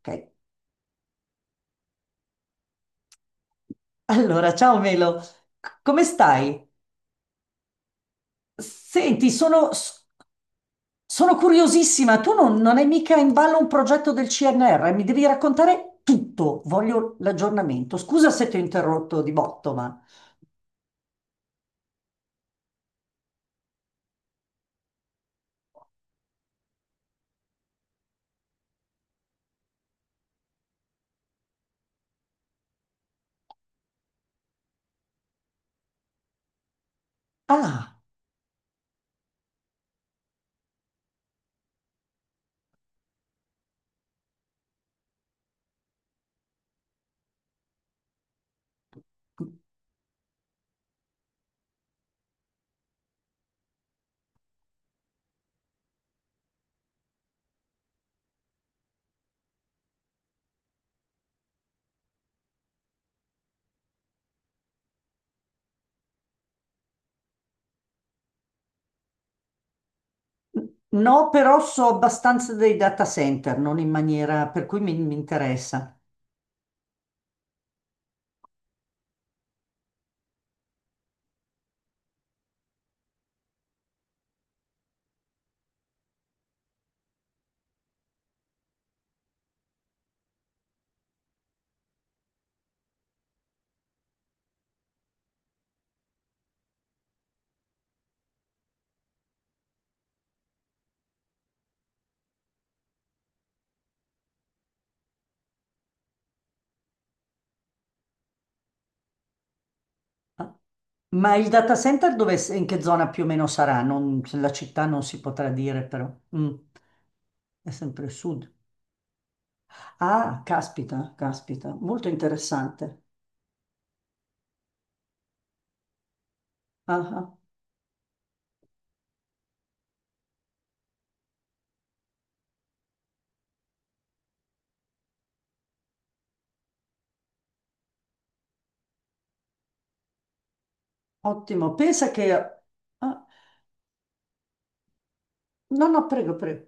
Ok. Allora, ciao Melo, come stai? Senti, sono curiosissima, tu non hai mica in ballo un progetto del CNR, mi devi raccontare tutto, voglio l'aggiornamento. Scusa se ti ho interrotto di botto, ma... Ah, no, però so abbastanza dei data center, non in maniera per cui mi interessa. Ah, ma il data center dove, in che zona più o meno sarà? La città non si potrà dire, però. Mm, è sempre il sud. Ah, caspita, caspita, molto interessante. Ah, ah, ottimo. Pensa che... Ah, no, no, prego, prego.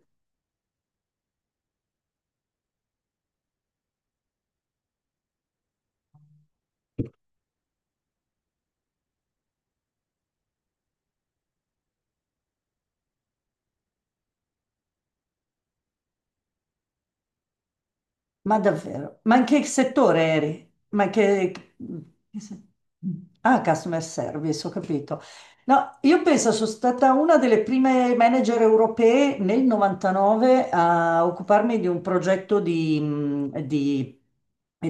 Ma davvero? Ma in che settore eri? Ma in che... che se- Ah, customer service, ho capito. No, io penso sono stata una delle prime manager europee nel 99 a occuparmi di un progetto di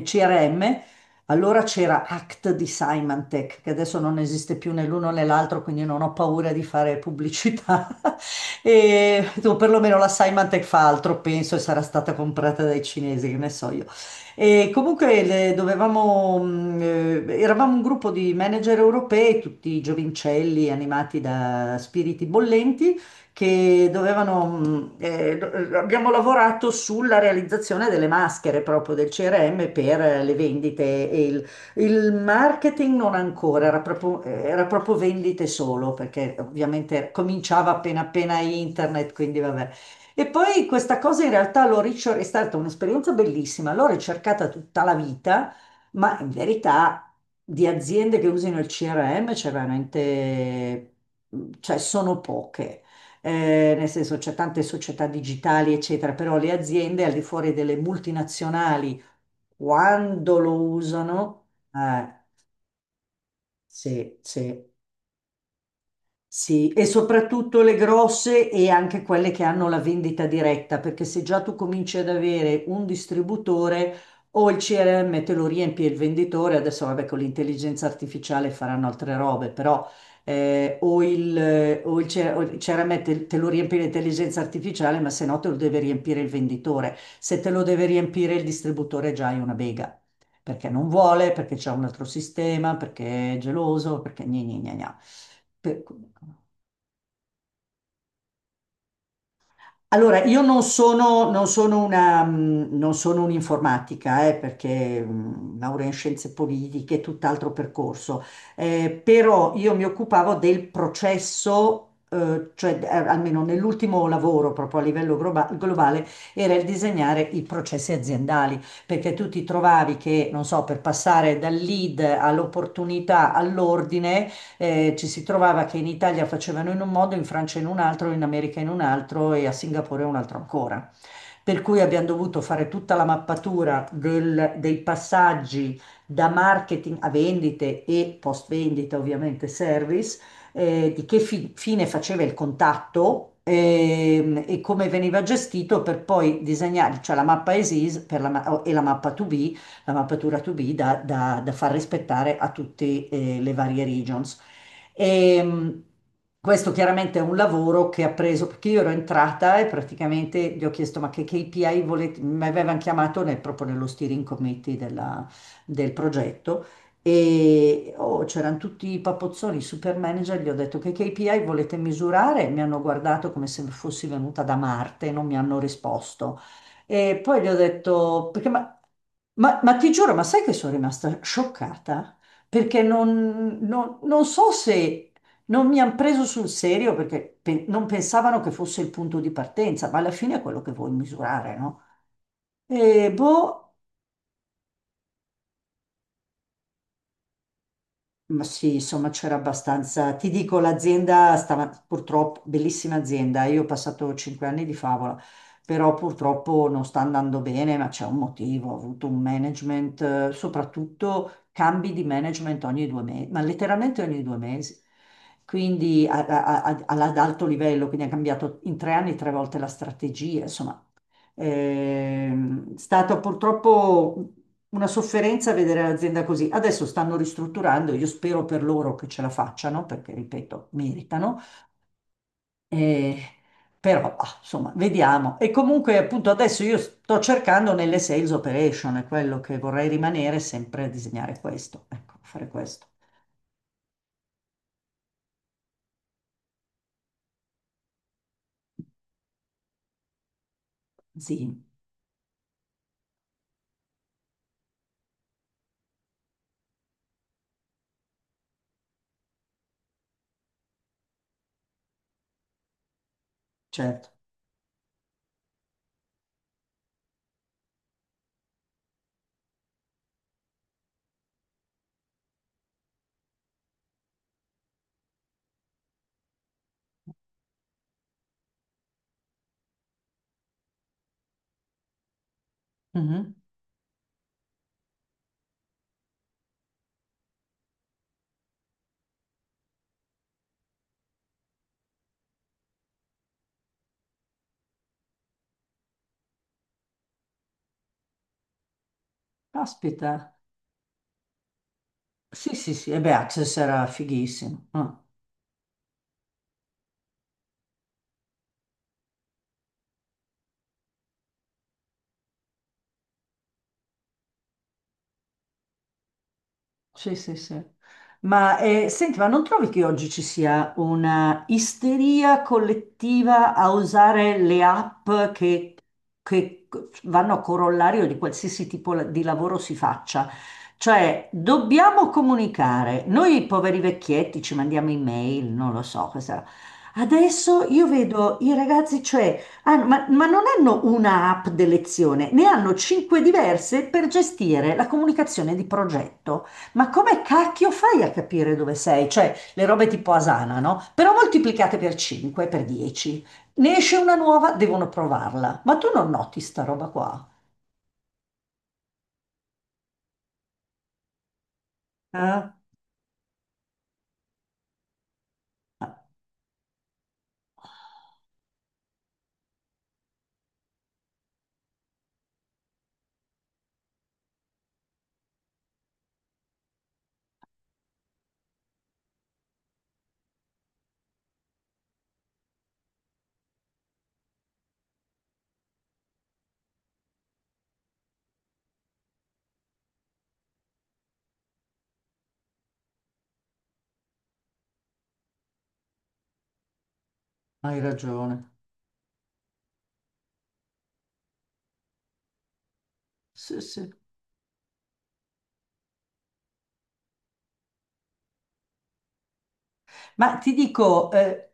CRM. Allora c'era Act di Symantec, che adesso non esiste più né l'uno né l'altro, quindi non ho paura di fare pubblicità. E, o perlomeno la Symantec fa altro, penso, e sarà stata comprata dai cinesi, che ne so io. E comunque dovevamo, eravamo un gruppo di manager europei, tutti giovincelli animati da spiriti bollenti che abbiamo lavorato sulla realizzazione delle maschere proprio del CRM per le vendite e il marketing non ancora, era proprio vendite solo, perché ovviamente cominciava appena appena internet, quindi vabbè. E poi questa cosa in realtà è stata un'esperienza bellissima, l'ho ricercata tutta la vita, ma in verità di aziende che usano il CRM c'è veramente, cioè sono poche, nel senso c'è tante società digitali, eccetera, però le aziende al di fuori delle multinazionali, quando lo usano, sì, sì. Sì, e soprattutto le grosse e anche quelle che hanno la vendita diretta, perché se già tu cominci ad avere un distributore o il CRM te lo riempie il venditore, adesso vabbè con l'intelligenza artificiale faranno altre robe, però o il CRM te lo riempie l'intelligenza artificiale, ma se no te lo deve riempire il venditore. Se te lo deve riempire il distributore già hai una bega, perché non vuole, perché c'è un altro sistema, perché è geloso, perché gna gna gna gna. Per- Allora, io non sono un'informatica, perché laurea in scienze politiche, tutt'altro percorso. Però io mi occupavo del processo, cioè almeno nell'ultimo lavoro proprio a livello globale, era il disegnare i processi aziendali, perché tu ti trovavi che, non so, per passare dal lead all'opportunità all'ordine, ci si trovava che in Italia facevano in un modo, in Francia in un altro, in America in un altro e a Singapore un altro ancora. Per cui abbiamo dovuto fare tutta la mappatura dei passaggi da marketing a vendite e post vendita, ovviamente service, di che fine faceva il contatto, e come veniva gestito per poi disegnare, cioè la mappa ESIS per e la mappa 2B, la mappatura 2B da far rispettare a tutte le varie regions. E, mh, questo chiaramente è un lavoro che ha preso, perché io ero entrata e praticamente gli ho chiesto ma che KPI volete, mi avevano chiamato proprio nello steering committee del progetto e oh, c'erano tutti i papozzoni, i super manager, gli ho detto che KPI volete misurare? Mi hanno guardato come se fossi venuta da Marte, non mi hanno risposto. E poi gli ho detto, perché ma ti giuro, ma sai che sono rimasta scioccata? Perché non so se non mi hanno preso sul serio perché non pensavano che fosse il punto di partenza, ma alla fine è quello che vuoi misurare, no? E boh, ma sì, insomma c'era abbastanza. Ti dico, l'azienda stava purtroppo, bellissima azienda, io ho passato 5 anni di favola, però purtroppo non sta andando bene, ma c'è un motivo, ho avuto un management, soprattutto cambi di management ogni 2 mesi, ma letteralmente ogni 2 mesi, quindi ad alto livello, quindi ha cambiato in 3 anni tre volte la strategia, insomma è stata purtroppo una sofferenza vedere l'azienda così. Adesso stanno ristrutturando, io spero per loro che ce la facciano, perché ripeto, meritano. Eh, però, ah, insomma, vediamo. E comunque, appunto, adesso io sto cercando nelle sales operation, è quello che vorrei rimanere sempre a disegnare questo, ecco, fare questo. Sì, certo. Mhm. Caspita. Sì, sì, sì, e beh, Access era fighissimo. Ah. Sì, sì, sì. Ma senti, ma non trovi che oggi ci sia una isteria collettiva a usare le app che vanno a corollario di qualsiasi tipo di lavoro si faccia? Cioè, dobbiamo comunicare. Noi poveri vecchietti ci mandiamo email, non lo so cosa. Adesso io vedo i ragazzi, cioè, ma non hanno una app di lezione, ne hanno cinque diverse per gestire la comunicazione di progetto. Ma come cacchio fai a capire dove sei? Cioè, le robe tipo Asana, no? Però moltiplicate per 5, per 10. Ne esce una nuova, devono provarla. Ma tu non noti sta roba qua? Eh? Hai ragione. Sì, sì. Ma ti dico, eh,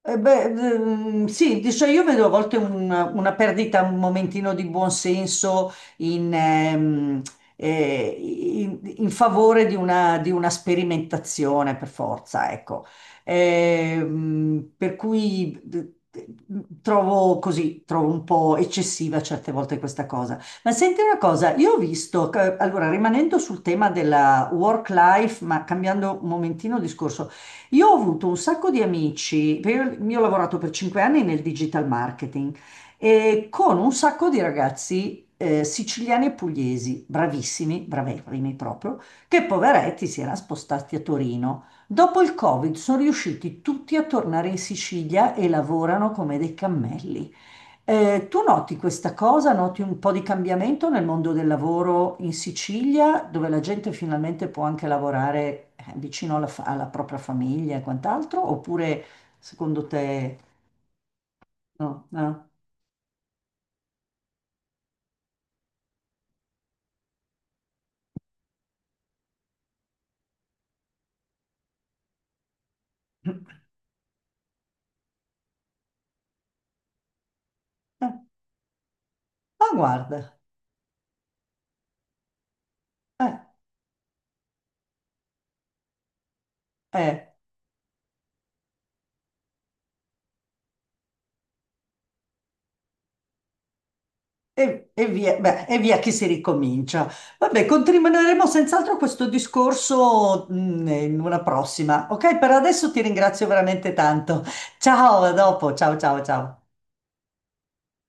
Eh beh, sì, dice, io vedo a volte una perdita, un momentino di buonsenso in, in favore di di una sperimentazione per forza, ecco. Per cui trovo così, trovo un po' eccessiva certe volte questa cosa. Ma senti una cosa, io ho visto, allora rimanendo sul tema della work life, ma cambiando un momentino discorso, io ho avuto un sacco di amici, perché io ho lavorato per 5 anni nel digital marketing e con un sacco di ragazzi siciliani e pugliesi, bravissimi, bravissimi proprio, che poveretti si erano spostati a Torino. Dopo il Covid sono riusciti tutti a tornare in Sicilia e lavorano come dei cammelli. Tu noti questa cosa, noti un po' di cambiamento nel mondo del lavoro in Sicilia, dove la gente finalmente può anche lavorare vicino alla, alla propria famiglia e quant'altro, oppure secondo te no? No? Eh, ah, guarda, eh, eh, e via, beh, e via che si ricomincia. Vabbè, continueremo senz'altro questo discorso, in una prossima. Ok, per adesso ti ringrazio veramente tanto. Ciao, a dopo, ciao ciao ciao.